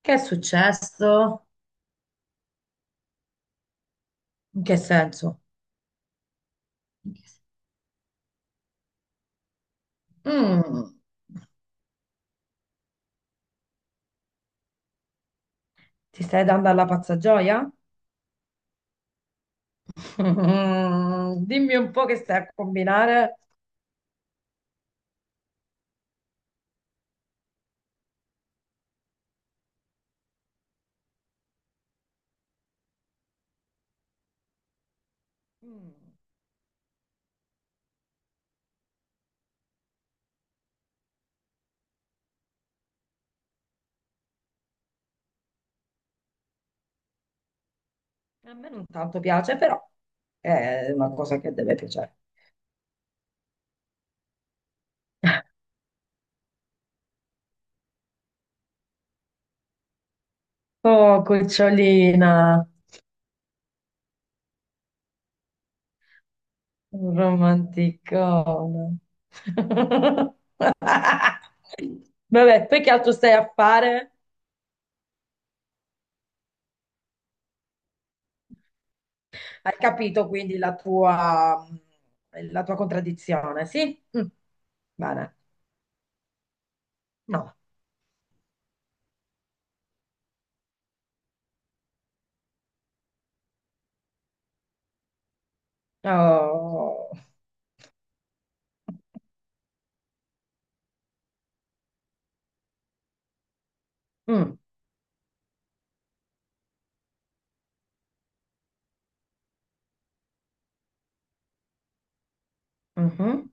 Che è successo? In che senso? Mm, ti stai dando alla pazza gioia? Mm, dimmi un po' che stai a combinare. Mm, a me non tanto piace, però è una cosa che deve piacere. Oh, cucciolina, un romanticone. Vabbè, poi che altro stai a fare? Hai capito quindi la tua contraddizione, sì? Mm. Bene, no. Oh. Mm. Mhm.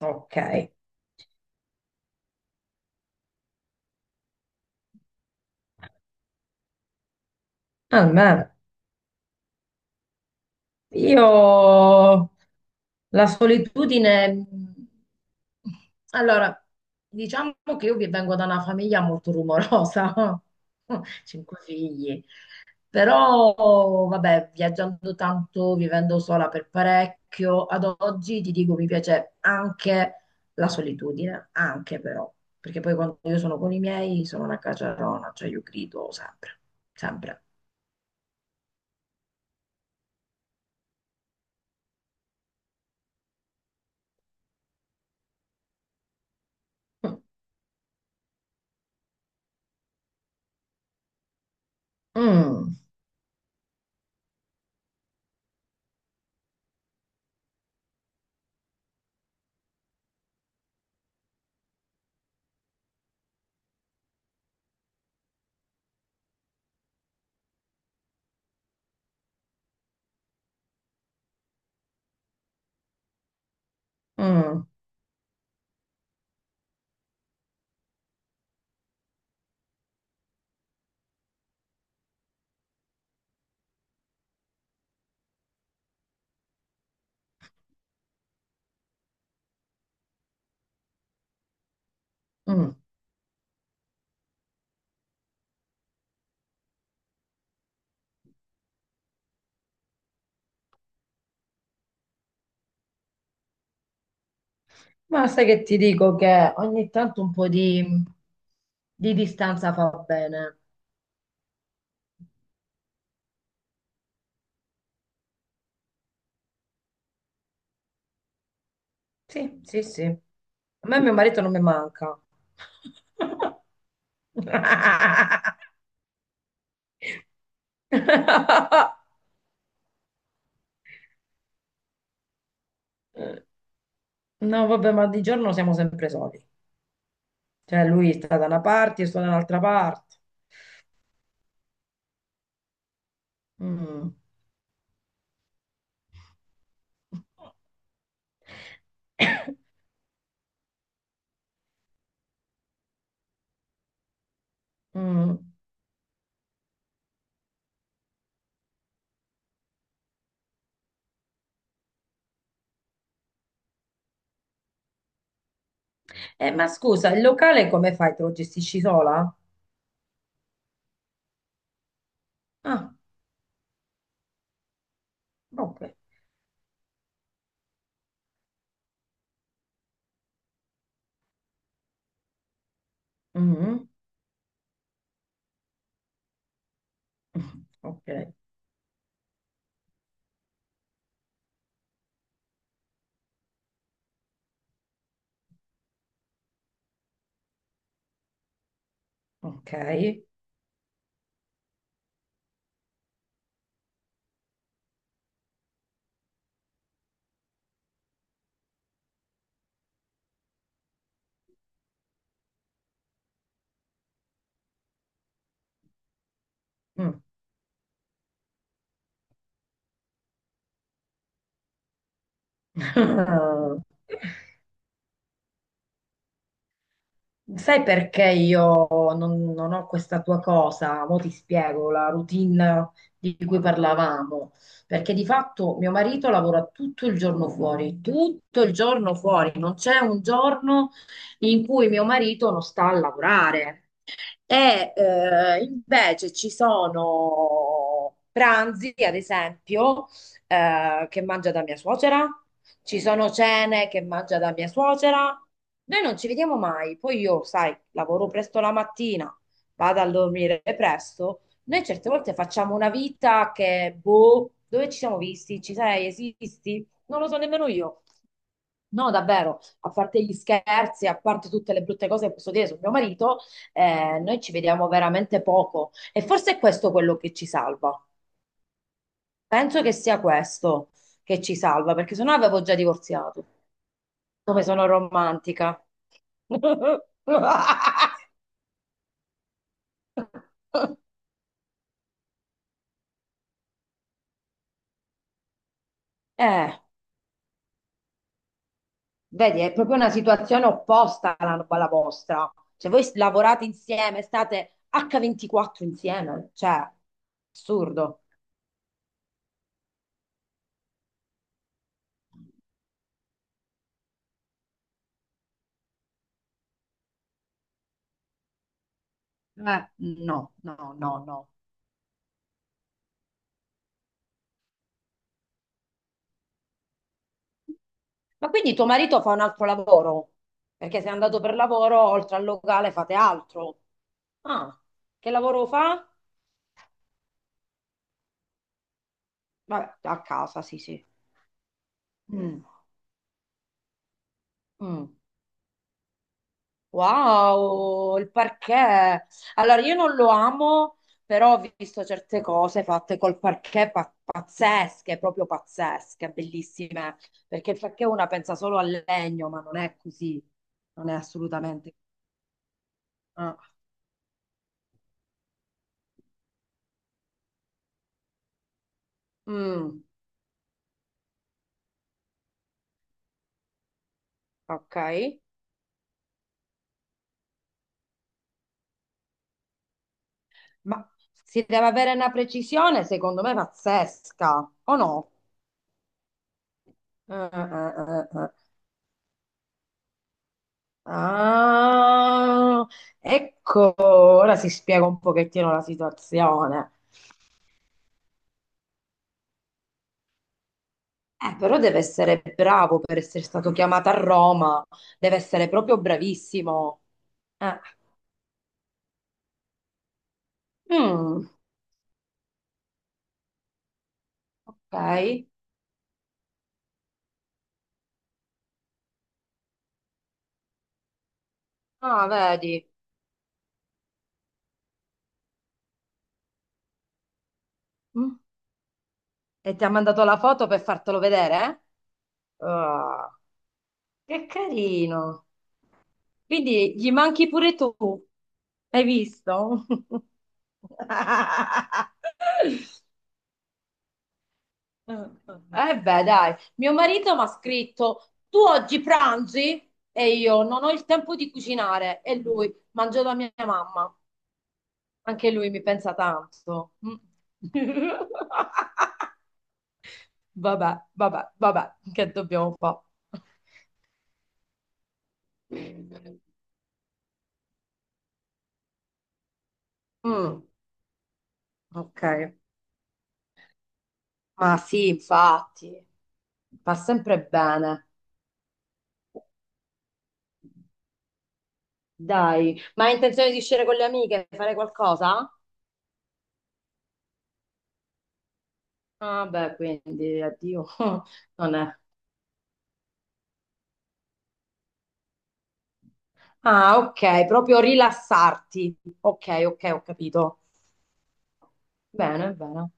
Ok, almeno io la solitudine... allora, diciamo che io vi vengo da una famiglia molto rumorosa, cinque figli. Però, vabbè, viaggiando tanto, vivendo sola per parecchio, ad oggi ti dico mi piace anche la solitudine, anche però, perché poi quando io sono con i miei sono una caciarona, cioè io grido sempre, sempre. Mm, mm, mm. Mm. Ma sai che ti dico che ogni tanto un po' di distanza fa bene. Sì, sì, sì. A me mio marito non mi manca. No, vabbè, ma di giorno siamo sempre soli. Cioè, lui sta da una parte, io sto da un'altra parte. Mm. Mm. Ma scusa, il locale come fai? Te lo gestisci sola? Ah, ok. Mm. Ok, ok. Mm. Sai perché io non ho questa tua cosa? Mo' ti spiego la routine di cui parlavamo. Perché di fatto mio marito lavora tutto il giorno fuori, tutto il giorno fuori. Non c'è un giorno in cui mio marito non sta a lavorare. E invece ci sono pranzi, ad esempio, che mangia da mia suocera, ci sono cene che mangia da mia suocera. Noi non ci vediamo mai, poi io, sai, lavoro presto la mattina, vado a dormire presto. Noi certe volte facciamo una vita che, boh, dove ci siamo visti? Ci sei? Esisti? Non lo so nemmeno io. No, davvero, a parte gli scherzi, a parte tutte le brutte cose che posso dire sul mio marito, noi ci vediamo veramente poco e forse è questo quello che ci salva. Penso che sia questo che ci salva, perché sennò avevo già divorziato. Come sono romantica. Eh, vedi, è proprio una situazione opposta alla, alla vostra. Cioè, voi lavorate insieme, state H24 insieme, cioè, assurdo. Eh, no, no, no, no. Ma quindi tuo marito fa un altro lavoro? Perché se è andato per lavoro, oltre al locale fate altro. Ah, che lavoro fa? Vabbè, a casa, sì, sì. Mm, mm. Wow, il parquet. Allora, io non lo amo, però ho visto certe cose fatte col parquet pa- pazzesche, proprio pazzesche, bellissime. Perché il parquet una pensa solo al legno, ma non è così. Non è assolutamente. Ah, mm, ok. Ma si deve avere una precisione, secondo me, pazzesca, o no? Eh. Ah, ecco, ora si spiega un pochettino la situazione. Però deve essere bravo per essere stato chiamato a Roma, deve essere proprio bravissimo. Eh, mm, ok. Ah, vedi. Mm. E ti ha mandato la foto per fartelo vedere? Eh? Ah, che carino. Quindi gli manchi pure tu, hai visto? Eh beh, dai, mio marito mi ha scritto, tu oggi pranzi? E io non ho il tempo di cucinare. E lui, mangio da mia mamma. Anche lui mi pensa tanto. Mm. Vabbè, vabbè, vabbè, che dobbiamo fare? Mm, ok, ma sì, infatti, fa sempre bene. Dai, ma hai intenzione di uscire con le amiche, fare qualcosa? Ah, beh, quindi addio. Non è. Ah, ok, proprio rilassarti. Ok, ok, ho capito. Bene, bene.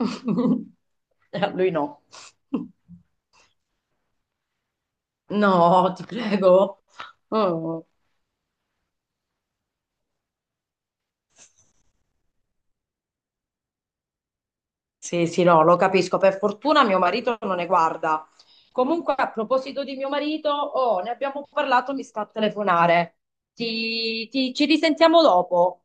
A lui no. No, ti prego. Oh, sì, sì, no, lo capisco. Per fortuna mio marito non ne guarda. Comunque, a proposito di mio marito, oh, ne abbiamo parlato, mi sta a telefonare. Ci risentiamo dopo.